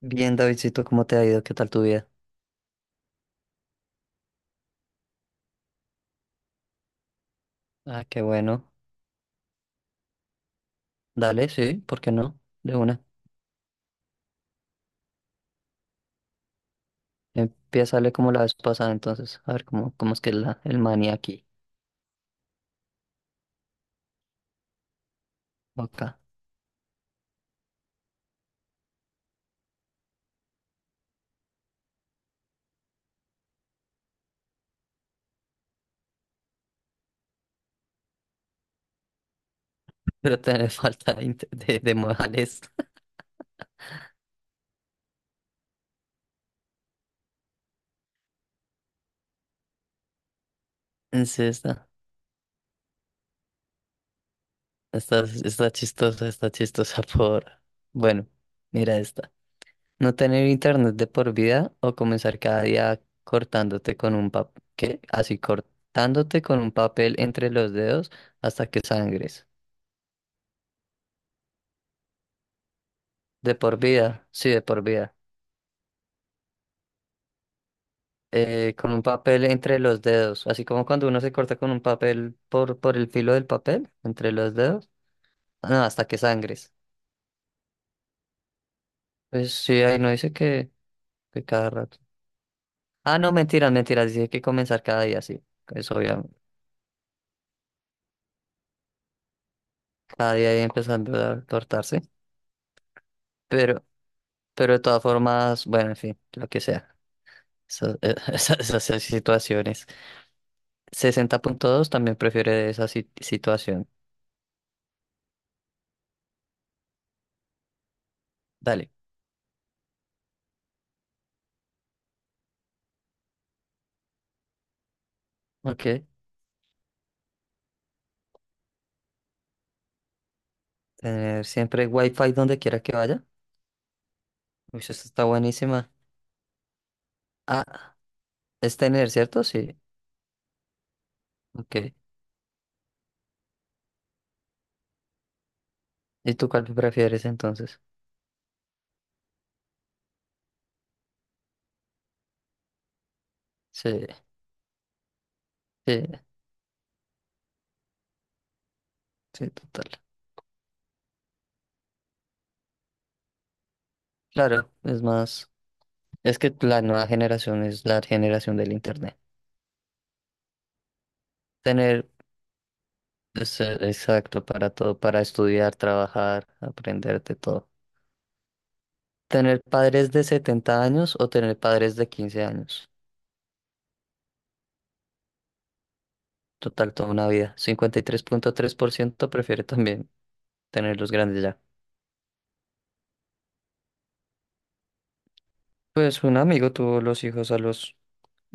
Bien, Davidcito, ¿cómo te ha ido? ¿Qué tal tu vida? Ah, qué bueno. Dale, sí, ¿por qué no? De una. Empiézale como la vez pasada, entonces. A ver cómo es que el maní aquí o acá. Pero te falta de modales. Sí, está. Está chistosa, está chistosa por. Bueno, mira esta. No tener internet de por vida o comenzar cada día cortándote con un papel. ¿Qué? Así, cortándote con un papel entre los dedos hasta que sangres. De por vida, sí, de por vida. Con un papel entre los dedos, así como cuando uno se corta con un papel por el filo del papel, entre los dedos. Ah, no, hasta que sangres. Pues sí, ahí no dice que cada rato. Ah, no, mentiras, mentiras, dice que comenzar cada día, sí. Eso obviamente, cada día ahí empezando a cortarse. Pero, pero de todas formas, bueno, en fin, lo que sea. Esas situaciones. 60.2 también prefiere esa situación. Dale. Ok. Tener siempre wifi donde quiera que vaya. Uy, esta está buenísima. Ah, es tener, ¿cierto? Sí. Ok. ¿Y tú cuál prefieres entonces? Sí, sí, sí, total. Claro, es más. Es que la nueva generación es la generación del internet. Tener, exacto, para todo, para estudiar, trabajar, aprender de todo. Tener padres de 70 años o tener padres de 15 años. Total, toda una vida. Cincuenta y tres punto tres por ciento prefiere también tener los grandes ya. Pues un amigo tuvo los hijos a los,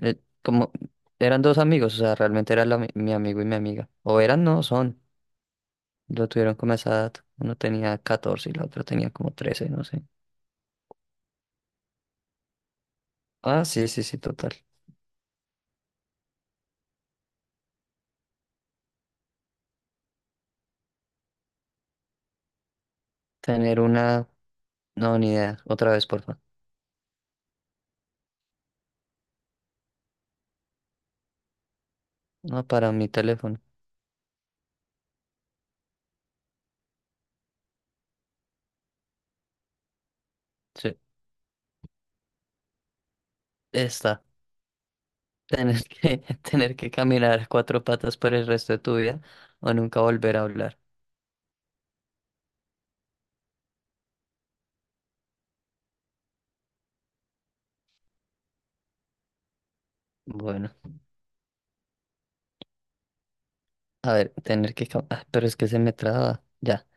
como eran dos amigos, o sea, realmente era la mi mi amigo y mi amiga. O eran, no, son. Lo tuvieron como a esa edad. Uno tenía 14 y la otra tenía como 13, no sé. Ah, sí, sí, sí, total. Tener una... No, ni idea. Otra vez, porfa. No, para mi teléfono. Sí, está. Tener que, tener que caminar a cuatro patas por el resto de tu vida o nunca volver a hablar. Bueno, a ver, Ah, pero es que se me traba. Ya.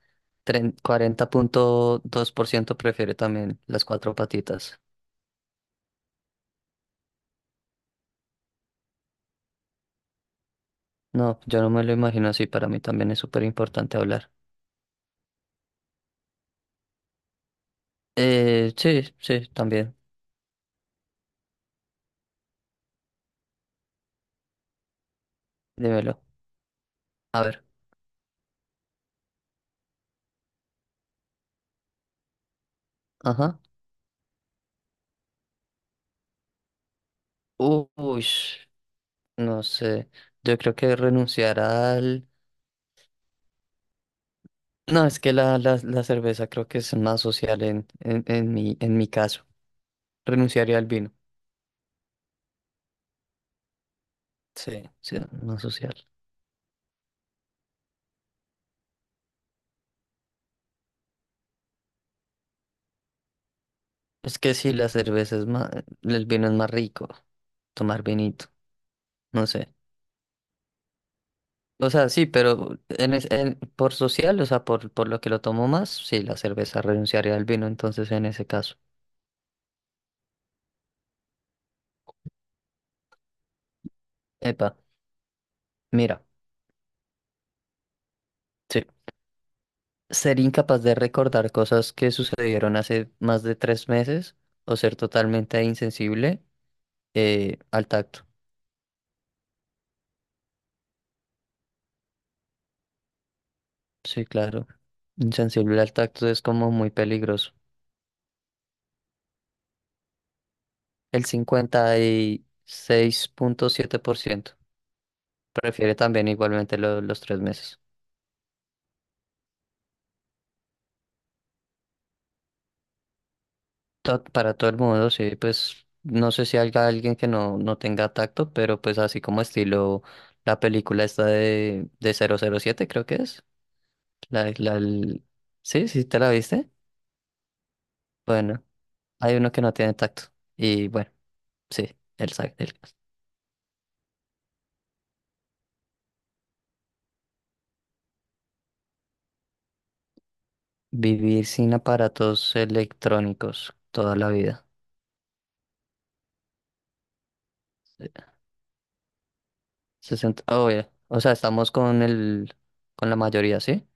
40.2% prefiere también las cuatro patitas. No, yo no me lo imagino así. Para mí también es súper importante hablar. Sí, sí, también. Dímelo. A ver. Ajá. Uy, no sé. Yo creo que renunciar al... No, es que la cerveza creo que es más social en mi caso. Renunciaría al vino. Sí, sí, más social. Es que sí, la cerveza es más. El vino es más rico. Tomar vinito. No sé. O sea, sí, pero por social, o sea, por lo que lo tomo más, sí, la cerveza renunciaría al vino, entonces en ese caso. Epa, mira, sí. Ser incapaz de recordar cosas que sucedieron hace más de tres meses o ser totalmente insensible al tacto. Sí, claro. Insensible al tacto es como muy peligroso. El 56.7% prefiere también igualmente los tres meses. Para todo el mundo, sí, pues no sé si haya alguien que no tenga tacto, pero pues así como estilo la película esta de 007 creo que es. La, la, el- Sí, sí, ¿te la viste? Bueno, hay uno que no tiene tacto. Y bueno, sí, él sabe. Vivir sin aparatos electrónicos toda la vida. Sesenta obvio. O sea, estamos con la mayoría, ¿sí?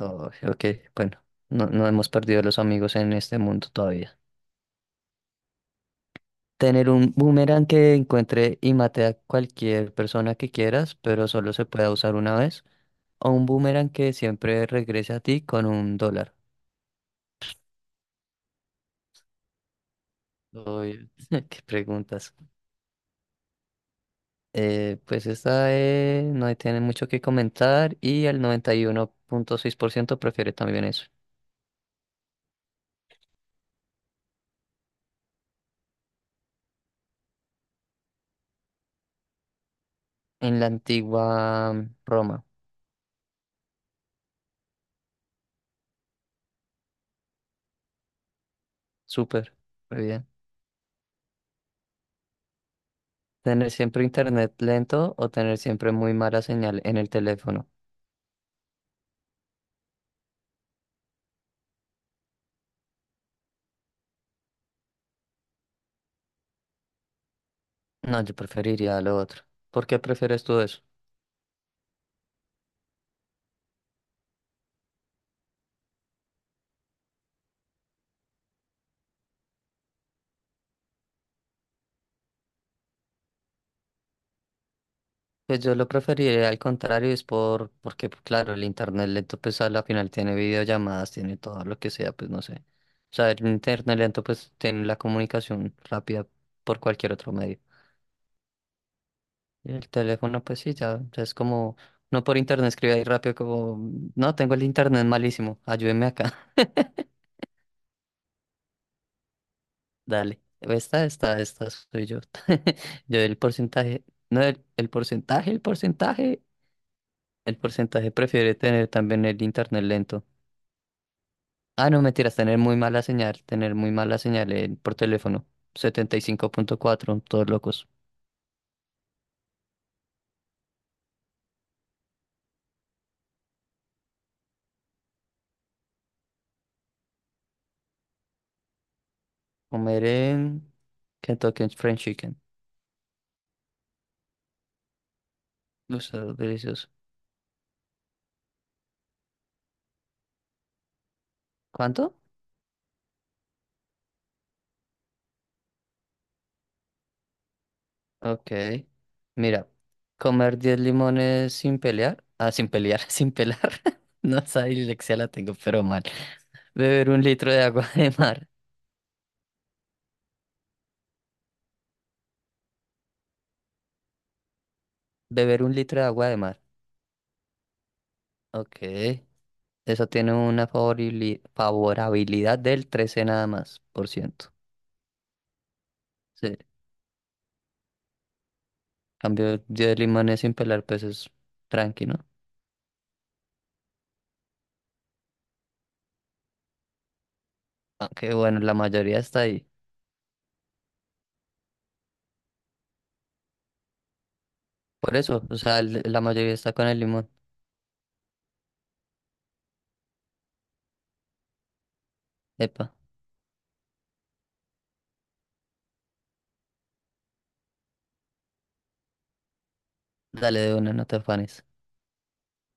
Oh, ok, bueno, no, no hemos perdido los amigos en este mundo todavía. Tener un boomerang que encuentre y mate a cualquier persona que quieras, pero solo se pueda usar una vez. O un boomerang que siempre regrese a ti con un dólar. Uy, qué preguntas. Pues esta, no tiene mucho que comentar y el 91.6% prefiere también eso. En la antigua Roma. Súper, muy bien. Tener siempre internet lento o tener siempre muy mala señal en el teléfono. No, yo preferiría lo otro. ¿Por qué prefieres tú eso? Pues yo lo preferiría al contrario, es porque pues, claro, el internet lento pues a la final tiene videollamadas, tiene todo lo que sea, pues no sé. O sea, el internet lento pues tiene la comunicación rápida por cualquier otro medio. Y el teléfono pues sí, ya, ya es como, no por internet escribe ahí rápido como, no, tengo el internet malísimo, ayúdeme acá, dale. Esta soy yo. Yo el porcentaje, no, el porcentaje prefiere tener también el internet lento. Ah, no, mentiras, tener muy mala señal, tener muy mala señal por teléfono. 75.4, todos locos. Comer en Kentucky Fried Chicken. Gusto delicioso. ¿Cuánto? Ok. Mira, comer 10 limones sin pelear. Ah, sin pelear, sin pelar. No, esa dislexia la tengo, pero mal. Beber un litro de agua de mar. Beber un litro de agua de mar. Ok. Eso tiene una favorabilidad del 13 nada más, por ciento. Sí. Cambio yo de limones sin pelar, pues es tranqui, ¿no? Aunque bueno, la mayoría está ahí. Por eso, o sea, la mayoría está con el limón. Epa, dale de una, no te afanes.